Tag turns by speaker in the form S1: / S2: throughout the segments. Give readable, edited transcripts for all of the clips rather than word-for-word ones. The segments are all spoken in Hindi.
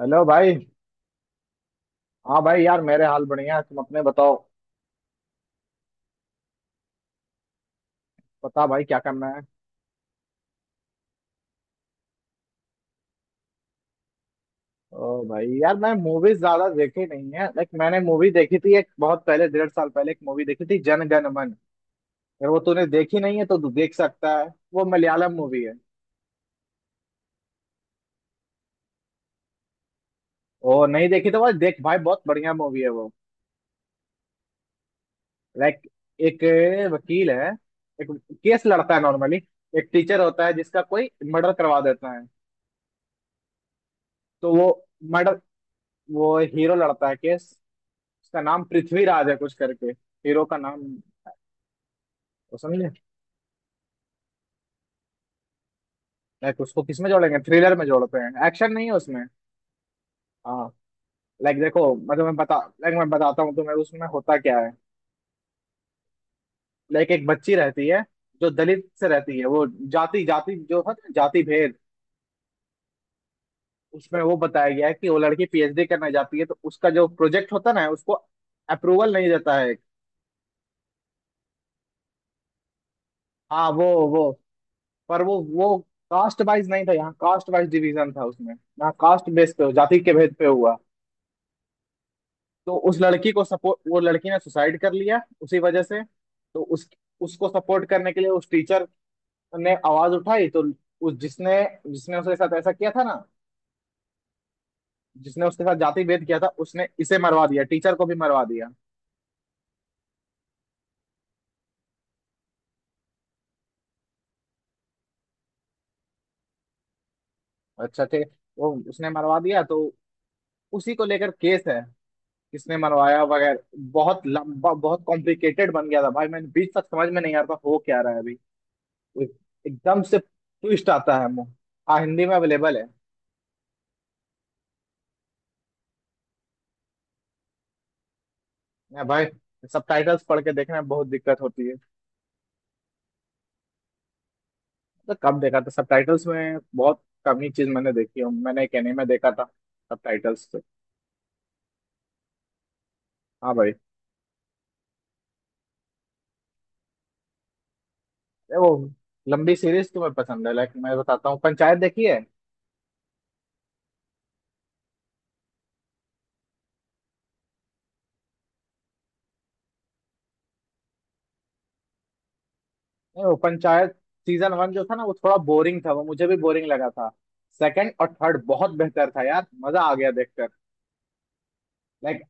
S1: हेलो भाई। हाँ भाई यार मेरे हाल बढ़िया है, तुम अपने बताओ। बता भाई क्या करना है। ओ भाई यार मैं मूवीज ज्यादा देखी नहीं है। लाइक मैंने मूवी देखी थी एक बहुत पहले, डेढ़ साल पहले एक मूवी देखी थी, जन गण मन। अगर वो तूने देखी नहीं है तो तू देख सकता है। वो मलयालम मूवी है। ओ नहीं देखी तो भाई देख भाई बहुत बढ़िया मूवी है वो। लाइक एक वकील है, एक केस लड़ता है नॉर्मली। एक टीचर होता है जिसका कोई मर्डर करवा देता है। तो मर्डर वो हीरो लड़ता है केस। उसका नाम पृथ्वीराज है कुछ करके। हीरो का नाम। तो समझे, लाइक उसको किसमें जोड़ेंगे, थ्रिलर में जोड़ते हैं, एक्शन नहीं है उसमें। हाँ। लाइक देखो, मतलब मैं तुम्हें बता, लाइक मैं बताता हूँ तुम्हें उसमें होता क्या है। लाइक एक बच्ची रहती है जो दलित से रहती है, वो जाति जाति जो है ना, जाति भेद। उसमें वो बताया गया है कि वो लड़की पीएचडी करने जाती है तो उसका जो प्रोजेक्ट होता है ना उसको अप्रूवल नहीं देता है। हाँ वो वो। पर वो कास्ट वाइज नहीं था यहाँ, कास्ट वाइज डिवीजन था उसमें, यहाँ कास्ट बेस पे जाति के भेद पे हुआ। तो उस लड़की को सपोर्ट, वो लड़की ने सुसाइड कर लिया उसी वजह से। तो उस, उसको सपोर्ट करने के लिए उस टीचर ने आवाज उठाई। तो उस जिसने, जिसने उसके साथ ऐसा किया था ना, जिसने उसके साथ जाति भेद किया था, उसने इसे मरवा दिया, टीचर को भी मरवा दिया। अच्छा थे, वो उसने मरवा दिया तो उसी को लेकर केस है, किसने मरवाया वगैरह। बहुत लंबा बहुत कॉम्प्लिकेटेड बन गया था भाई, मैंने बीच तक समझ में नहीं आता हो क्या रहा है अभी। एकदम से ट्विस्ट आता है मुंह। हाँ, हिंदी में अवेलेबल है। नहीं भाई, सबटाइटल्स पढ़ के देखने में बहुत दिक्कत होती है। तो कम देखा था सबटाइटल्स में, बहुत कम ही चीज मैंने देखी है। मैंने एक एनीमे देखा था सबटाइटल्स से। हाँ भाई। ये वो लंबी सीरीज तुम्हें पसंद है, लाइक मैं बताता हूँ, पंचायत देखी है। नहीं, वो पंचायत सीजन वन जो था ना वो थोड़ा बोरिंग था, वो मुझे भी बोरिंग लगा था। सेकंड और थर्ड बहुत बेहतर था यार, मजा आ गया देखकर। लाइक,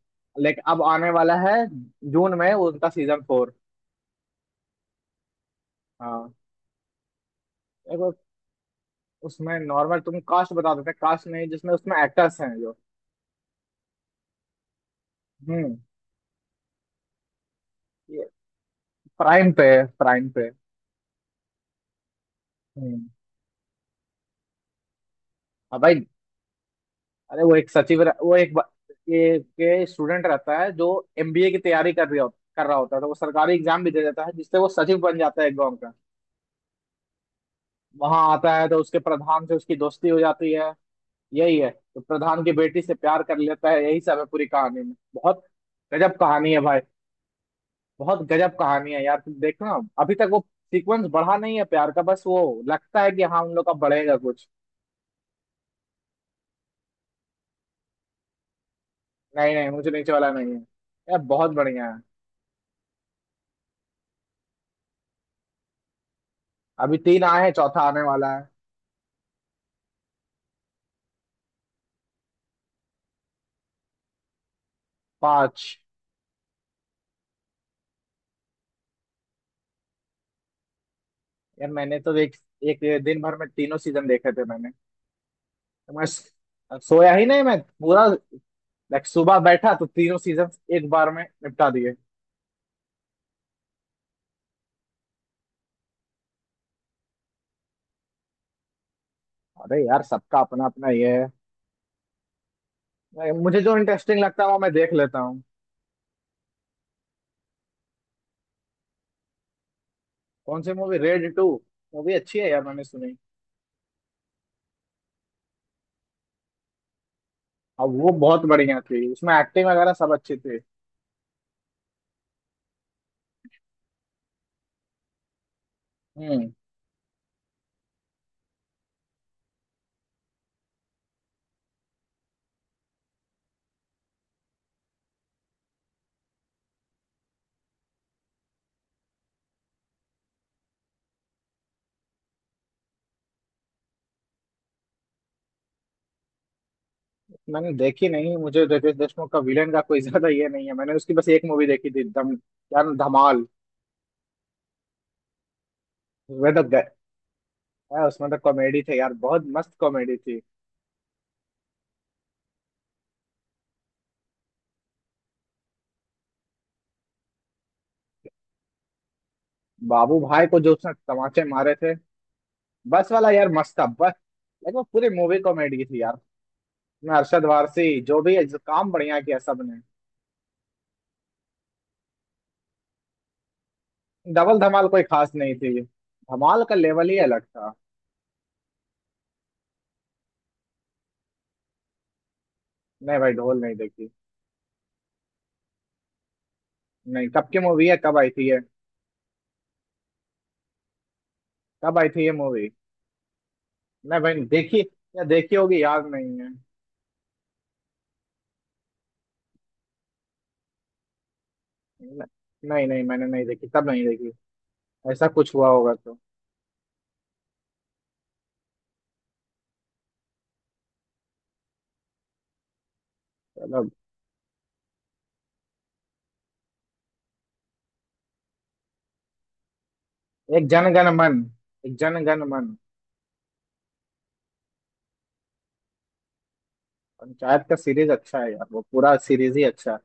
S1: लाइक अब आने वाला है जून में उनका सीजन फोर। हाँ। एक वो, उसमें नॉर्मल तुम कास्ट बता देते हैं, कास्ट नहीं जिसमें, उसमें एक्टर्स हैं जो। हम्म ये प्राइम पे है, प्राइम पे। हम्म अब भाई अरे वो एक सचिव रह- वो एक बा- ये के स्टूडेंट रहता है जो एमबीए की तैयारी कर रही हो, कर रहा होता है, तो वो सरकारी एग्जाम भी दे देता है जिससे वो सचिव बन जाता है एक गांव का। वहां आता है तो उसके प्रधान से उसकी दोस्ती हो जाती है। यही है, तो प्रधान की बेटी से प्यार कर लेता है, यही सब है पूरी कहानी में। बहुत गजब कहानी है भाई, बहुत गजब कहानी है यार, तुम देखना। अभी तक वो सीक्वेंस बढ़ा नहीं है प्यार का, बस वो लगता है कि हाँ उन लोग का बढ़ेगा कुछ। नहीं नहीं, मुझे नीचे वाला नहीं है, यार बहुत बढ़िया है। अभी तीन आए हैं, चौथा आने वाला है। पांच। यार मैंने तो एक, एक दिन भर में तीनों सीजन देखे थे मैंने। तो सोया ही नहीं मैं पूरा। लाइक सुबह बैठा तो तीनों सीजन एक बार में निपटा दिए। अरे यार सबका अपना अपना ये है। मुझे जो इंटरेस्टिंग लगता है वो मैं देख लेता हूँ। कौन सी मूवी, रेड टू? मूवी अच्छी है यार, मैंने सुनी। और वो बहुत बढ़िया थी, उसमें एक्टिंग वगैरह सब अच्छी थी। हम्म मैंने देखी नहीं, मुझे रितेश देशमुख का विलेन का कोई ज्यादा ये नहीं है। मैंने उसकी बस एक मूवी देखी थी, दम। यार धमाल, उसमें तो गए, उसमें तो कॉमेडी थे यार, बहुत मस्त कॉमेडी थी। बाबू भाई को जो उसने तमाचे मारे थे, बस वाला यार मस्त था बस। लेकिन वो पूरी मूवी कॉमेडी थी यार, उसमें अरशद वारसी जो भी है, जो काम बढ़िया किया सबने। डबल धमाल कोई खास नहीं थी, धमाल का लेवल ही अलग था। नहीं भाई, ढोल नहीं देखी। नहीं, कब की मूवी है, कब आई थी ये? कब आई थी ये मूवी? नहीं भाई देखी, या देखी होगी याद नहीं है। न- नहीं नहीं, मैंने नहीं देखी, तब नहीं देखी। ऐसा कुछ हुआ होगा तो। चलो। एक जनगण मन, एक जनगण मन। पंचायत का सीरीज अच्छा है यार, वो पूरा सीरीज ही अच्छा है।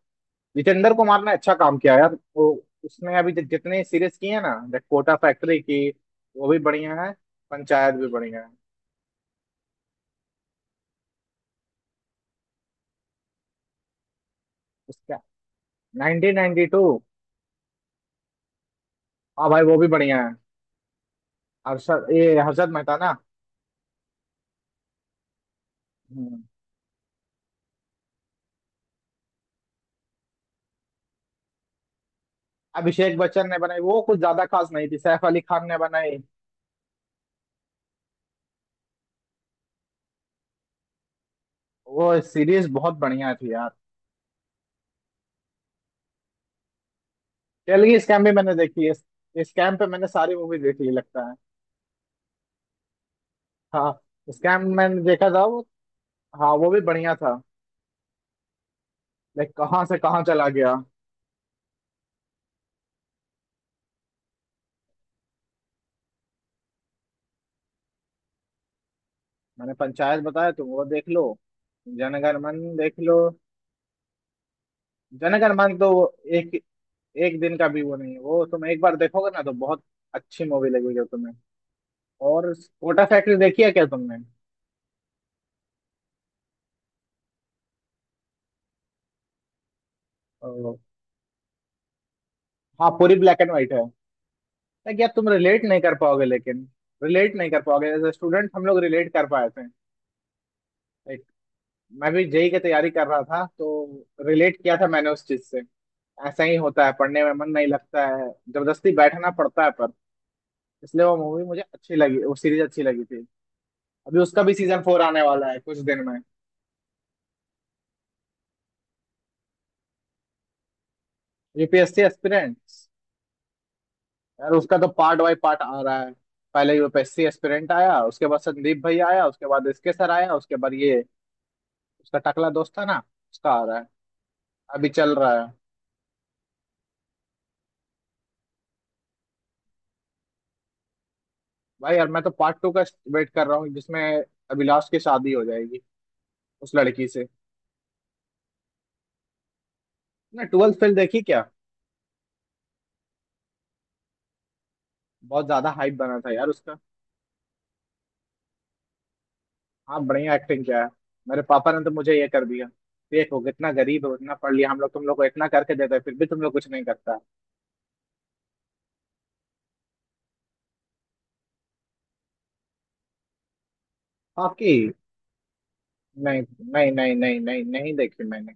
S1: जितेंद्र कुमार ने अच्छा काम किया यार। वो उसने अभी जितने सीरीज किए हैं ना, द कोटा फैक्ट्री की, वो भी बढ़िया है, पंचायत भी बढ़िया है। उसका 1992। हाँ भाई वो भी बढ़िया है। हर्षद, ये हर्षद मेहता ना। हम्म। अभिषेक बच्चन ने बनाई वो कुछ ज्यादा खास नहीं थी, सैफ अली खान ने बनाई। वो सीरीज बहुत बढ़िया थी यार। तेलगी स्कैम भी मैंने देखी है, स्कैम पे मैंने सारी मूवी देख ली लगता है। हाँ स्कैम मैंने देखा था वो। हाँ वो भी बढ़िया था। लाइक कहाँ से कहाँ चला गया। मैंने पंचायत बताया, तुम वो देख लो, जनगण मन देख लो। जनगण मन तो वो एक, एक दिन का भी वो नहीं है, वो तुम एक बार देखोगे ना तो बहुत अच्छी मूवी लगेगी तुम्हें। और कोटा फैक्ट्री देखी है क्या तुमने? ओ, हाँ पूरी ब्लैक एंड व्हाइट है। लाइक यार तुम रिलेट नहीं कर पाओगे लेकिन, रिलेट नहीं कर पाओगे। एज ए स्टूडेंट हम लोग रिलेट कर पाए थे। Like, मैं भी जेई की तैयारी कर रहा था तो रिलेट किया था मैंने उस चीज से। ऐसा ही होता है, पढ़ने में मन नहीं लगता है, जबरदस्ती बैठना पड़ता है पर, इसलिए वो मूवी मुझे अच्छी लगी, वो सीरीज अच्छी लगी थी। अभी उसका भी सीजन फोर आने वाला है कुछ दिन में। UPSC aspirants. यार उसका तो पार्ट बाय पार्ट आ रहा है। पहले यूपीएससी एस्पिरेंट आया, उसके बाद संदीप भाई आया, उसके बाद इसके सर आया, उसके बाद ये उसका टकला दोस्त था ना, उसका आ रहा है, अभी चल रहा है। भाई यार मैं तो पार्ट टू का वेट कर रहा हूँ, जिसमें अभिलाष की शादी हो जाएगी उस लड़की से। ना, ट्वेल्थ फेल देखी क्या? बहुत ज्यादा हाइप बना था यार उसका। हाँ बढ़िया एक्टिंग किया है। मेरे पापा ने तो मुझे ये कर दिया, देखो कितना गरीब हो, इतना पढ़ लिया, हम लोग तुम लोग को इतना करके देते हैं, फिर भी तुम लोग कुछ नहीं करता। आपकी। नहीं नहीं नहीं नहीं नहीं नहीं देखी मैंने।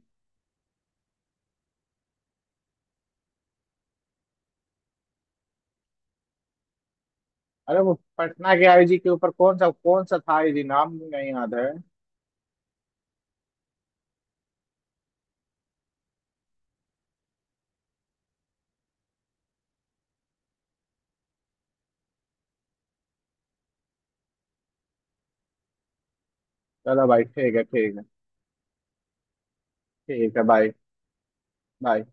S1: अरे वो पटना के आईजी के ऊपर कौन सा, कौन सा था आईजी, नाम नहीं याद है। चलो भाई, ठीक है ठीक है। ठीक है, बाय बाय।